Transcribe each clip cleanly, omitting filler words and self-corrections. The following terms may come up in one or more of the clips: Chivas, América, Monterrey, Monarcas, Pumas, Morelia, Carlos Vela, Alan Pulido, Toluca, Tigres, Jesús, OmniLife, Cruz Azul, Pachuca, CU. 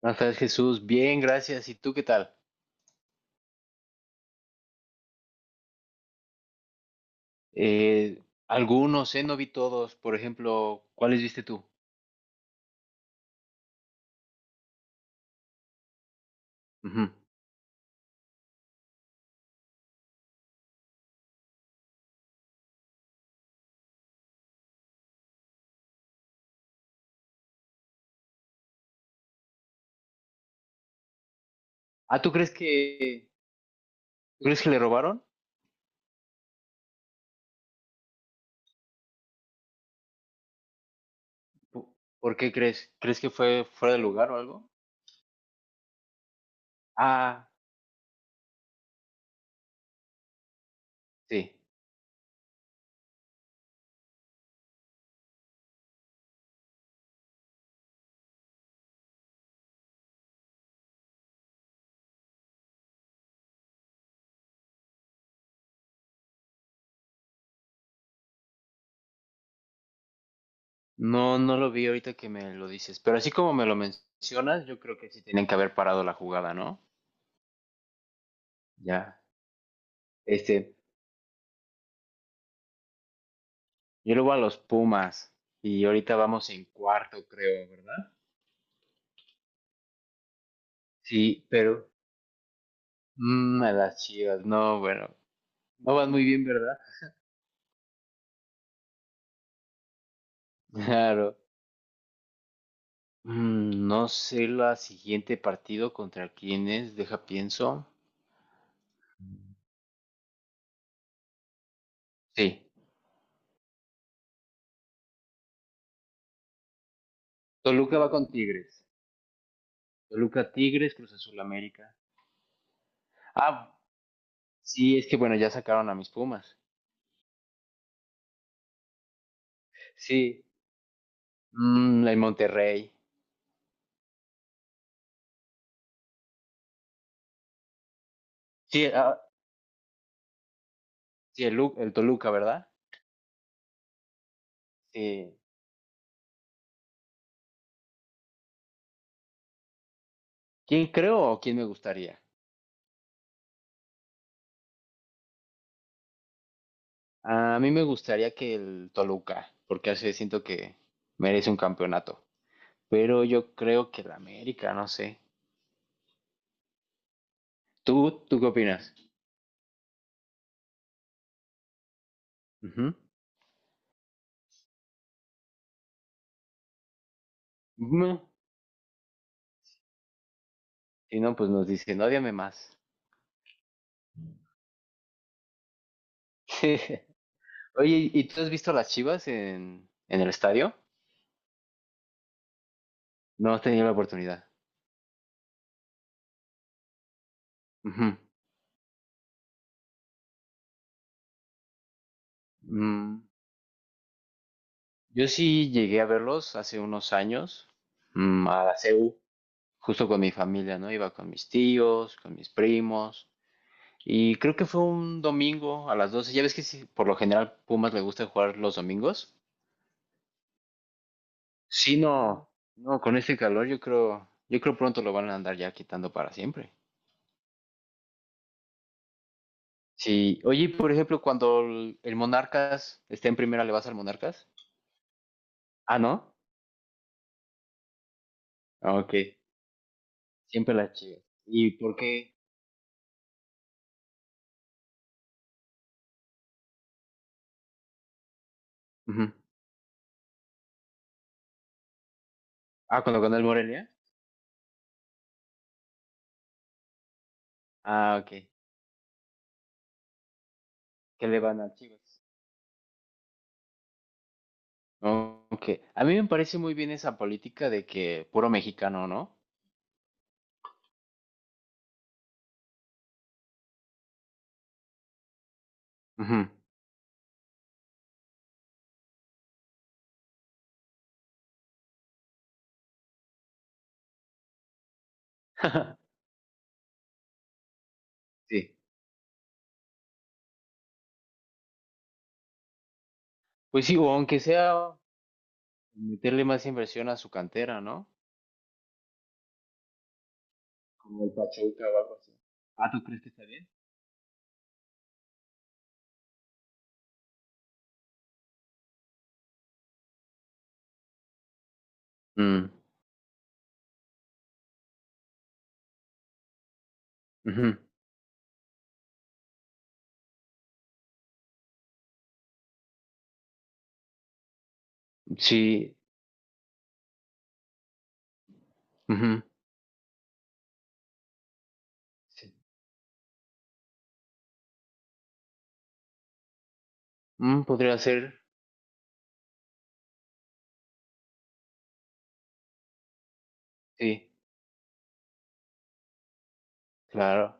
Buenas tardes, Jesús. Bien, gracias. ¿Y tú qué tal? Eh, Algunos, no vi todos. Por ejemplo, ¿cuáles viste tú? Ujú. Ah, tú crees que le robaron? ¿Po- ¿Por qué crees? ¿Crees que fue fuera de lugar o algo? Ah, sí. No, no lo vi ahorita que me lo dices. Pero así como me lo mencionas, yo creo que sí tienen que haber parado la jugada, ¿no? Ya. Este, yo le voy a los Pumas y ahorita vamos en cuarto, creo, ¿verdad? Sí, pero... A las Chivas, no, bueno. No van muy bien, ¿verdad? Claro. No sé la siguiente partido contra quién es, deja pienso. Sí, Toluca va con Tigres. Toluca Tigres, Cruz Azul América. Ah, sí, es que bueno, ya sacaron a mis Pumas. Sí, el Monterrey. Sí, ah, sí, el Toluca, ¿verdad? Sí. ¿Quién creo o quién me gustaría? A mí me gustaría que el Toluca, porque así siento que merece un campeonato. Pero yo creo que el América, no sé. ¿Tú qué opinas? Ujú. No. Si no, pues nos dicen, ódiame más. Oye, ¿y tú has visto a las Chivas en el estadio? No has tenido la oportunidad. Ujú. Mm, yo sí llegué a verlos hace unos años, a la CU, justo con mi familia, ¿no? Iba con mis tíos, con mis primos, y creo que fue un domingo a las 12. Ya ves que sí, por lo general Pumas le gusta jugar los domingos. Sí, no, no, con este calor yo creo pronto lo van a andar ya quitando para siempre. Sí, oye, por ejemplo, cuando el Monarcas esté en primera, ¿le vas al Monarcas? Ah, ¿no? Ah, ok, siempre las Chivas. ¿Y por qué? Ujú. Ah, cuando ganó el Morelia. Ah, ok, ¿qué le van a Chivas? Oh, ok, a mí me parece muy bien esa política de que puro mexicano, ¿no? Ujú. Sí, pues sí, o aunque sea meterle más inversión a su cantera, ¿no? Como el Pachuca o algo así. Ah, ¿tú crees que está bien? Mm, ujú, sí, ujú, sí. Mm, podría ser, sí, claro.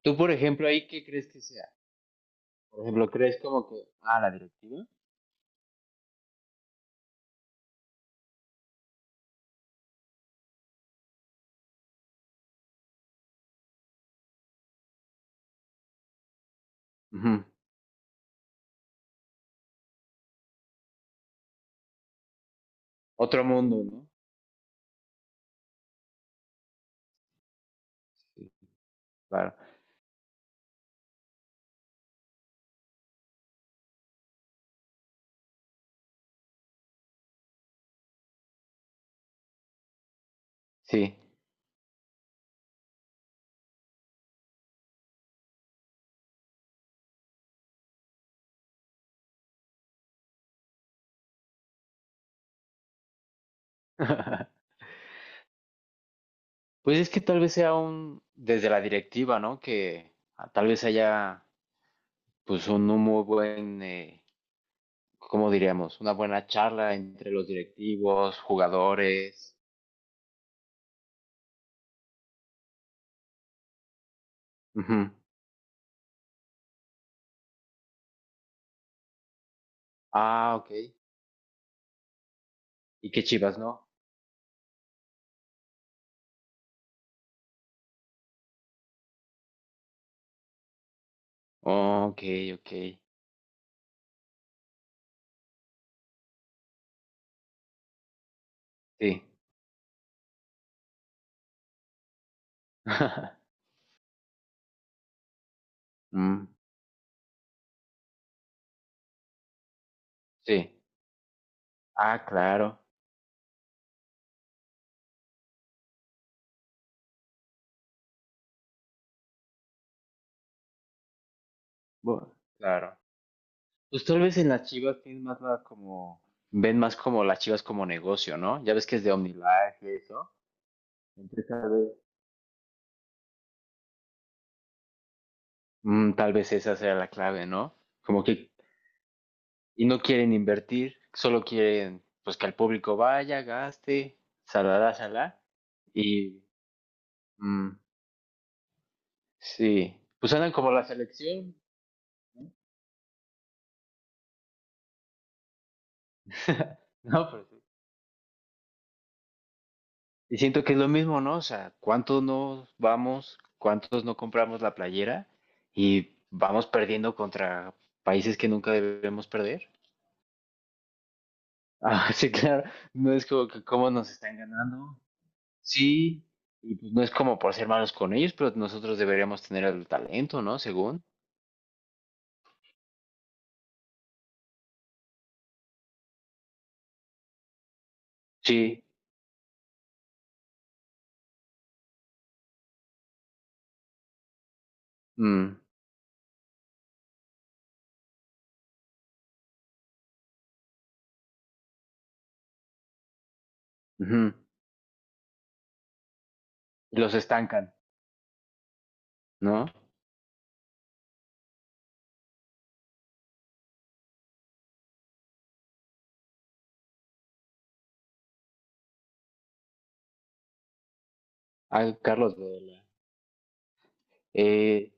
Tú, por ejemplo, ahí, ¿qué crees que sea? Por ejemplo, ¿crees como que, ah, la directiva? Ujú, otro mundo, ¿no? Sí, claro, sí. Pues es que tal vez sea un, desde la directiva, ¿no? Que ah, tal vez haya, pues, un muy buen, ¿cómo diríamos? Una buena charla entre los directivos, jugadores. Ah, ok. ¿Y qué Chivas, no? Ok, ok. Sí. Mm, sí. Ah, claro. Bu- claro. Pues tal vez en las Chivas tienen más la como, ven más como las Chivas como negocio, ¿no? Ya ves que es de OmniLife y eso. Entonces tal vez, mm, tal vez esa sea la clave, ¿no? Como que, y no quieren invertir, solo quieren, pues que el público vaya, gaste, salará, salá. Y, mm, sí. Pues andan como la selección. ¿No? No, pero sí. Y siento que es lo mismo, ¿no? O sea, ¿cuántos no vamos, cuántos no compramos la playera y vamos perdiendo contra países que nunca debemos perder? Ah, sí, claro. No es como que cómo nos están ganando. Sí, y pues no es como por ser malos con ellos, pero nosotros deberíamos tener el talento, ¿no? Según. Sí. Mm, ujú. Los estancan, ¿no? Ah, Carlos Vela. Eh,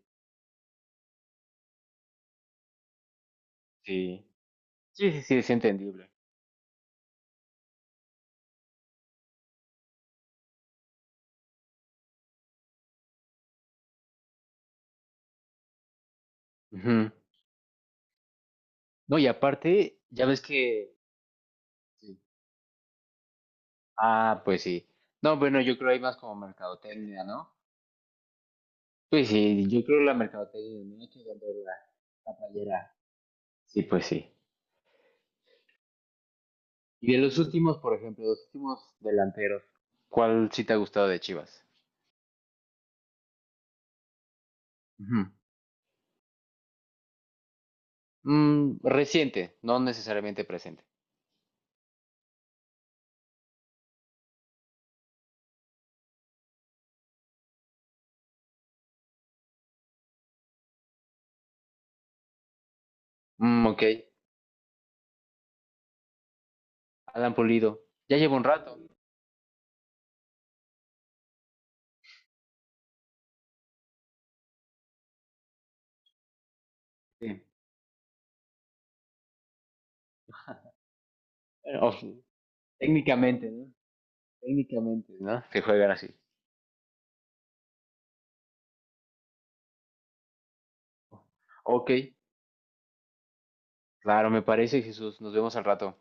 sí. Sí, sí, sí, es entendible. Ujú. No, y aparte, ya ves que... Sí. Ah, pues sí. No, bueno, yo creo hay más como mercadotecnia, ¿no? Pues sí, yo creo la mercadotecnia, no hay que vender la, la playera. Sí, pues sí. Y de los últimos, por ejemplo, los últimos delanteros, ¿cuál sí te ha gustado de Chivas? Ujú. Mm, reciente, no necesariamente presente. Mm, ok, Alan Pulido. Ya lleva un rato. Sí. Bueno, técnicamente, ¿no? Técnicamente, ¿no? Que juegan así. Ok, claro, me parece, Jesús. Nos vemos al rato.